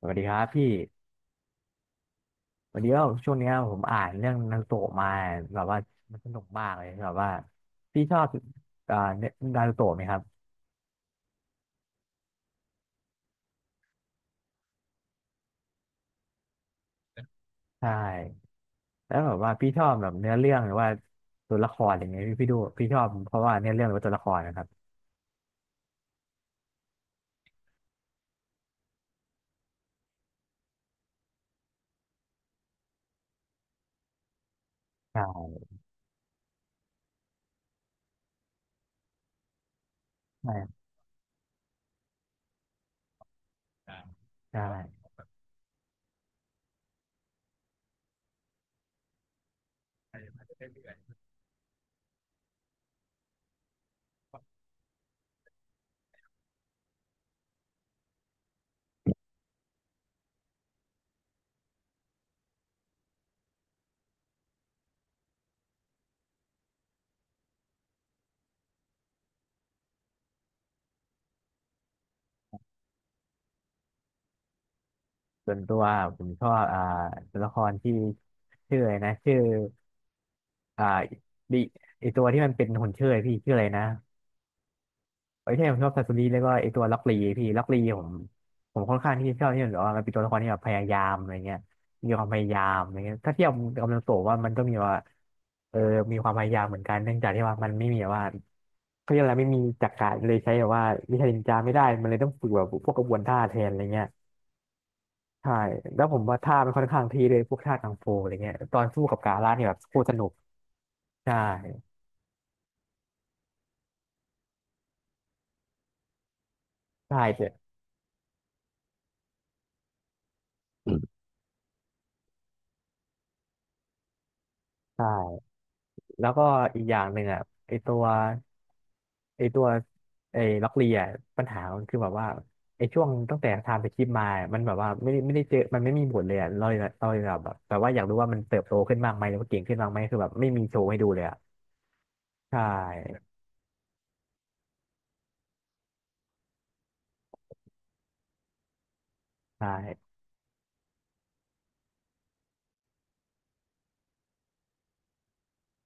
สวัสดีครับพี่วันนี้ก็ช่วงเนี้ยผมอ่านเรื่องนารูโตะมาแบบว่ามันสนุกมากเลยแบบว่าพี่ชอบเนื้อนารูโตะไหมครับใช่แล้วแบบว่าพี่ชอบแบบเนื้อเรื่องหรือว่าตัวละครอย่างเงี้ยพี่ดูพี่ชอบเพราะว่าเนื้อเรื่องหรือว่าตัวละครนะครับใช่ใช่ใช่ส่วนตัวผมชอบตัวละครที่ชื่ออะไรนะชื่ออ่าดิไอตัวที่มันเป็นหุ่นเชิดพี่ชื่ออะไรนะ ไอ้ที่ผมชอบซาซูริแล้วก็ไอ้ตัวล็อกลีพี่ล็อกลีผมค่อนข้างที่จะชอบที่มันแบบว่ามันเป็นตัวละครที่แบบพยายามอะไรเงี้ยมีความพยายามอะไรเงี้ยถ้าเทียบกับกำลังโตะว่ามันก็มีว่าเออมีความพยายามเหมือนกันเนื่องจากที่ว่ามันไม่มีแบบว่าเขาเรียกอะไรไม่มีจักระเลยใช้แบบว่าวิชานินจาไม่ได้มันเลยต้องฝึกแบบพวกกระบวนท่าแทนอะไรเงี้ยใช่แล้วผมว่าท่ามันค่อนข้างที่เลยพวกท่ากังฟูอะไรเงี้ยตอนสู้กับกาล่าเนี่ยแบบโคตรสนุกใช่ใช่เจ๊อืมใช่ แล้วก็อีกอย่างหนึ่งอ่ะไอตัวไอตัวไอล็อกเลียปัญหามันคือแบบว่าไอช่วงตั้งแต่ทำไปคลิปมามันแบบว่าไม่ได้เจอมันไม่มีผลเลยอะเราเลยแบบว่าอยากรู้ว่ามันเติบโตขึ้นมากไหมหรือว่าเก่งขึ้นมากไหมคือแบบไม่มีโชว์ให้ดูเลยอ่ะใช่ใช่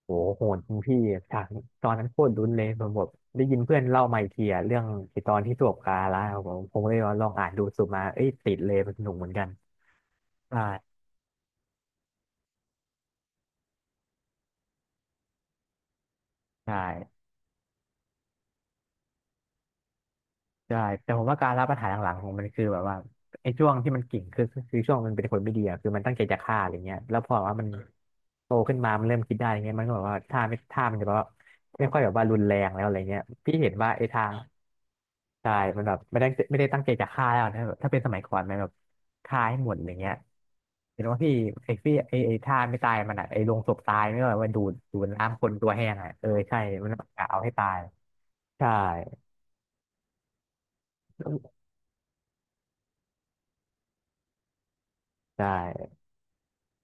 โหโหดจริงพี่ฉากตอนนั้นโคตรลุ้นเลยผมแบบได้ยินเพื่อนเล่ามาอีกทีอะเรื่องไอตอนที่สวบกาละผมเลยว่าลองอ่านดูสุดมาเอ้ยติดเลยมันสนุกเหมือนกันใช่ใช่ ใช่แต่ผมว่าการรับปัญหาหลังๆของมันคือแบบว่าไอ้ช่วงที่มันกิ่งคือช่วงมันเป็นคนไม่ดีอะคือมันตั้งใจจะฆ่าอะไรเงี้ยแล้วพอว่ามันโตขึ้นมามันเริ่มคิดได้อย่างเงี้ยมันก็แบบว่าท่าไม่ท่ามันจะแบบว่าไม่ค่อยแบบว่ารุนแรงแล้วอะไรเงี้ยพี่เห็นว่าไอ้ทางใช่มันแบบไม่ได้ตั้งใจจะฆ่าแล้วนะแบบถ้าเป็นสมัยก่อนมันแบบฆ่าให้หมดอย่างเงี้ยเห็นว่าพี่ไอ้ท่าไม่ตายมันอะไอ้ลงศพตายไม่ว่าว่าดูดน้ำคนตัวแห้งอะเออใช่มันต้องกะเอาให้ตายใช่ใช่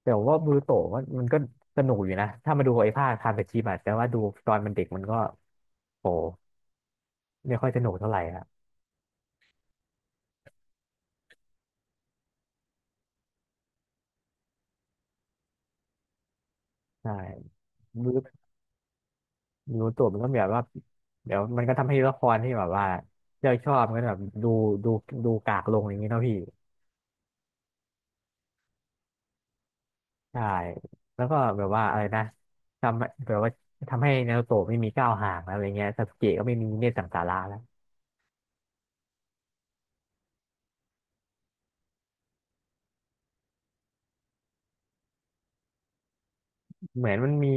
แต่ว่าบูโตะว่ามันก็สนุกอยู่นะถ้ามาดูไอ้ภาคคาเฟชิบะแต่ว่าดูตอนมันเด็กมันก็โหไม่ค่อยสนุกเท่าไหร่ครับใช่บูบูโตะมันก็แบบว่าเดี๋ยวมันก็ทำให้ละครที่แบบว่าเราชอบมันก็แบบดูดูกากลงอย่างนี้เนาะพี่ใช่แล้วก็แบบว่าอะไรนะทำแบบว่าทำให้นารูโตะไม่มีก้าวห่างแล้วอะไรเงี้ยซาสึเกะก็ไม่มีเนตรสังสาระแล้ว เหมือนมันมี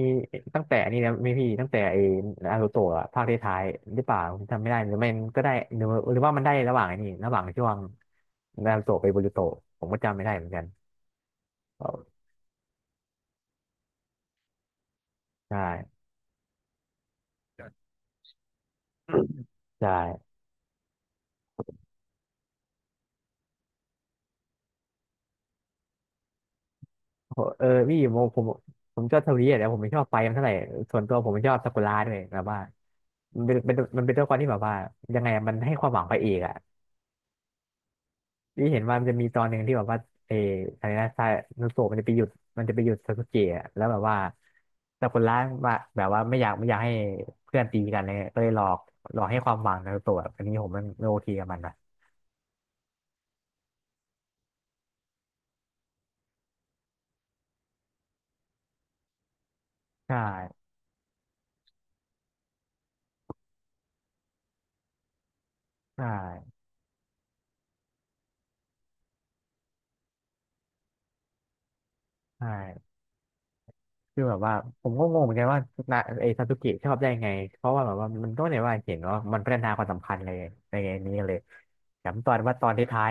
ตั้งแต่นี่นะไม่พี่ตั้งแต่ไอ้นารูโตะอะภาคท้ายๆหรือเปล่าผมจำไม่ได้หรือไม่ก็ได้หรือหรือว่ามันได้ระหว่างไอ้นี่ระหว่างช่วงนารูโตะไปบูรูโตะผมก็จำไม่ได้เหมือนกันเอาใช่ใช่โหเออพี่ผมชอบเทอรีอแต่ผมไม่ชอบไฟมันเท่าไหร่ส่วนตัวผมไม่ชอบซากุระด้วยแบบว่ามันเป็นมันเป็นตัวละครที่แบบว่ายังไงอะมันให้ความหวังพระเอกอะ พี่เห็นว่ามันจะมีตอนหนึ่งที่แบบว่าเอออะไรนะซานุโสะมันจะไปหยุดมันจะไปหยุดซาสึเกะอะแล้วแบบว่าแต่คนร้ายว่าแบบว่าไม่อยากให้เพื่อนตีกันเลยก็เลยหลอกให้ความหวังนารุโตะแบบอันนี้ผมมันไม่โอเคกับมันนะใช่ใช่ใช่คือแบบว่าผมก็งงเหมือนกันว่านาไอซาสึเกะชอบได้ไงเพราะว่าแบบว่ามันก็ไม่ได้ว่าเห็นว่ามันพัฒนาความสัมพันธ์เลยในนี้เลยแต่ตอนว่าตอนท้าย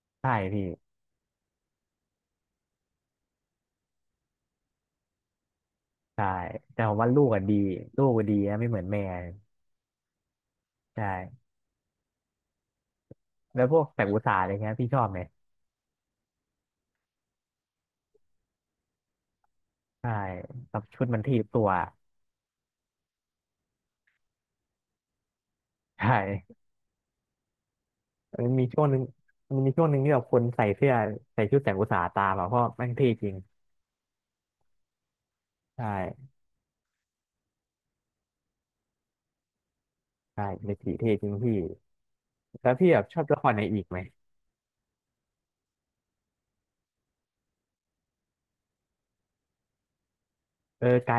ๆใช่พี่ใช่แต่ผมว่าลูกอะดีลูกอะดีนะไม่เหมือนแม่ใช่ แล้วพวกแสงอุตสาหะอะไรเงี้ยพี่ชอบไหมใช่แบบชุดมันทีบตัวใช่มันมีช่วงหนึ่งมันมีช่วงหนึ่งที่แบบคนใส่เสื้อใส่ชุดแสงอุตสาหะตามอ่ะเพราะแม่งเท่จริงใช่ใช่เมจิเท่จริงพี่แล้วพี่แบบชอบละครไหนอีกไหมเออไกล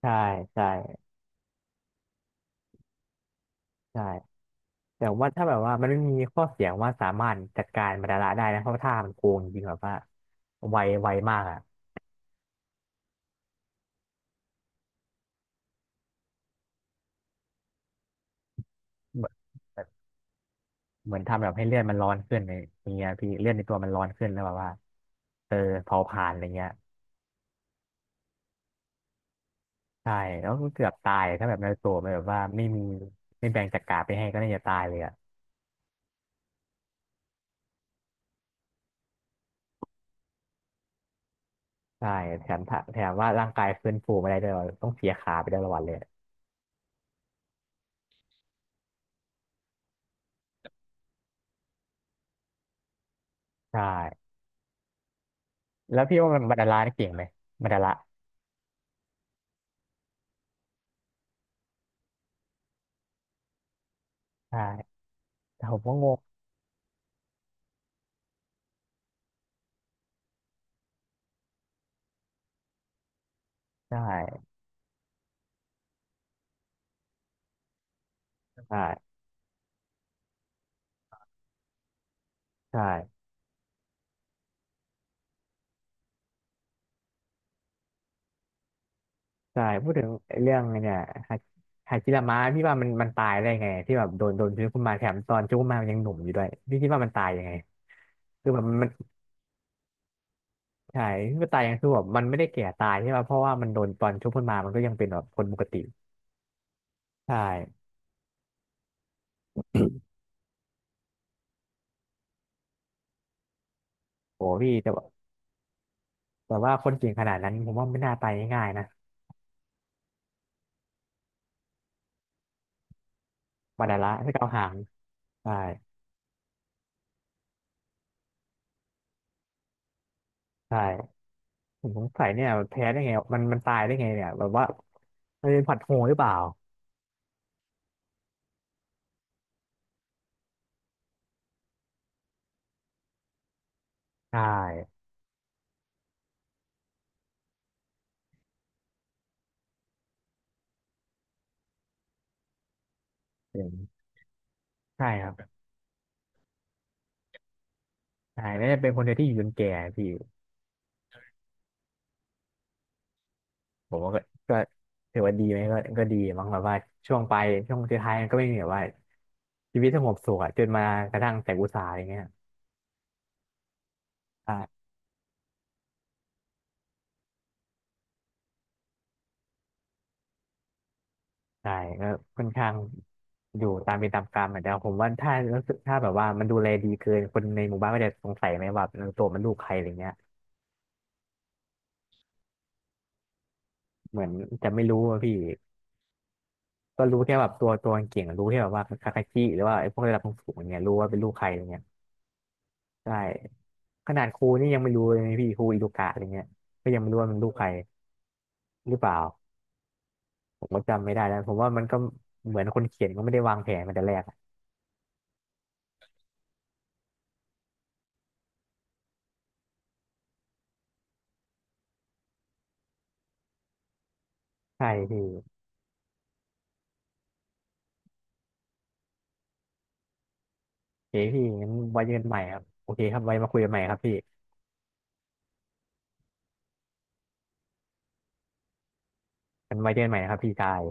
ใช่ใช่ใช่แต่ว่าถ้าแบบว่ามันไม่มีข้อเสียว่าสามารถจัดการมาดาระได้นะเพราะว่าท่ามันโกงจริงแบบว่าไวไวมากอ่ะ เหมือนทำแบบให้เลือดมันร้อนขึ้นในอย่างเงี้ยพี่เลือดในตัวมันร้อนขึ้นแล้วแบบว่าเออเผาผลาญอะไรเงี้ยใช่แล้วก็เกือบตายถ้าแบบในารูโตัวมันแบบว่าไม่มีไม่แบ่งจักราไปให้ก็น่าจะตายเลยอ่ะใช่แถมถ้าแถมว่าร่างกายฟื้นฟูไม่ได้ด้วยต้องเสียขาไปด้วยละวันเลยใช่แล้วพี่ว่ามันบันดาลานี่เก่งไหมบรดาละใช่แต่ผมก็งงใช่ใช่ใช่ ใช่พูดถึงเรื่องเนี่ยฮาฮาจิระมะพี่ว่ามันตายได้ไงที่แบบโดนชื้อขึ้นมาแถมตอนชื้อขึ้นมามันยังหนุ่มอยู่ด้วยพี่คิดว่ามันตายยังไงคือแบบมันใช่ที่มันตายยังคือแบบมันไม่ได้แก่ตายใช่ป่ะเพราะว่ามันโดนตอนชุบขึ้นมามันก็ยังเป็นแบบคนปกติใช่โอ้พี่แต่ว่าคนเก่งขนาดนั้นผมว่าไม่น่าตายง่ายๆนะมาดาระถ้าเกาหางใช่ใช่ผมสงสัยเนี่ยแพ้ได้ไงมันตายได้ไงเนี่ยแบบว่ามันเป็นผัดโหงหรือเปล่าใช่เห็นใช่ครับ ใช่แล้วจะเป็นคนเดียวที่อยู่จนแก่พี่ผมว่าก็ถือว่าดีไหมก็ดีมั้งแบบว่าช่วงไปช่วงสุดท้ายมันก็ไม่มีแบบว่าชีวิตสงบสุขอะจนมากระทั่งแต่อุตสาหะอย่างเงี้ยใช่ใช่ก็ค่อนข้างอยู่ตามเป็นตามกรรมอะแต่ผมว่าถ้ารู้สึกถ้าแบบว่ามันดูแลดีเกินคนในหมู่บ้านก็จะสงสัยไหมว่าเออตัวมันลูกใครอะไรเงี้ยเหมือนจะไม่รู้อะพี่ก็รู้แค่แบบตัวเก่งอะรู้แค่แบบว่าคาคาชิหรือว่าไอ้พวกระดับสูงๆอย่างเงี้ยรู้ว่าเป็นลูกใครอะไรเงี้ย ใช่ขนาดครูนี่ยังไม่รู้เลยนะพี่ครูอิโดกะอะไรเงี้ยก็ยังไม่รู้ว่ามันลูกใครหรือเปล่าผมก็จำไม่ได้แล้วผมว่ามันก็เหมือนคนเขียนก็ไม่ได้วางแผนมาแต่แรกอะใช่พี่โอเคพี่งั้นไว้เจอกันใหม่ครับโอเคครับไว้มาคุยกันใหม่ครับพี่งั้นไว้เจอกันใหม่นะครับพี่ชาย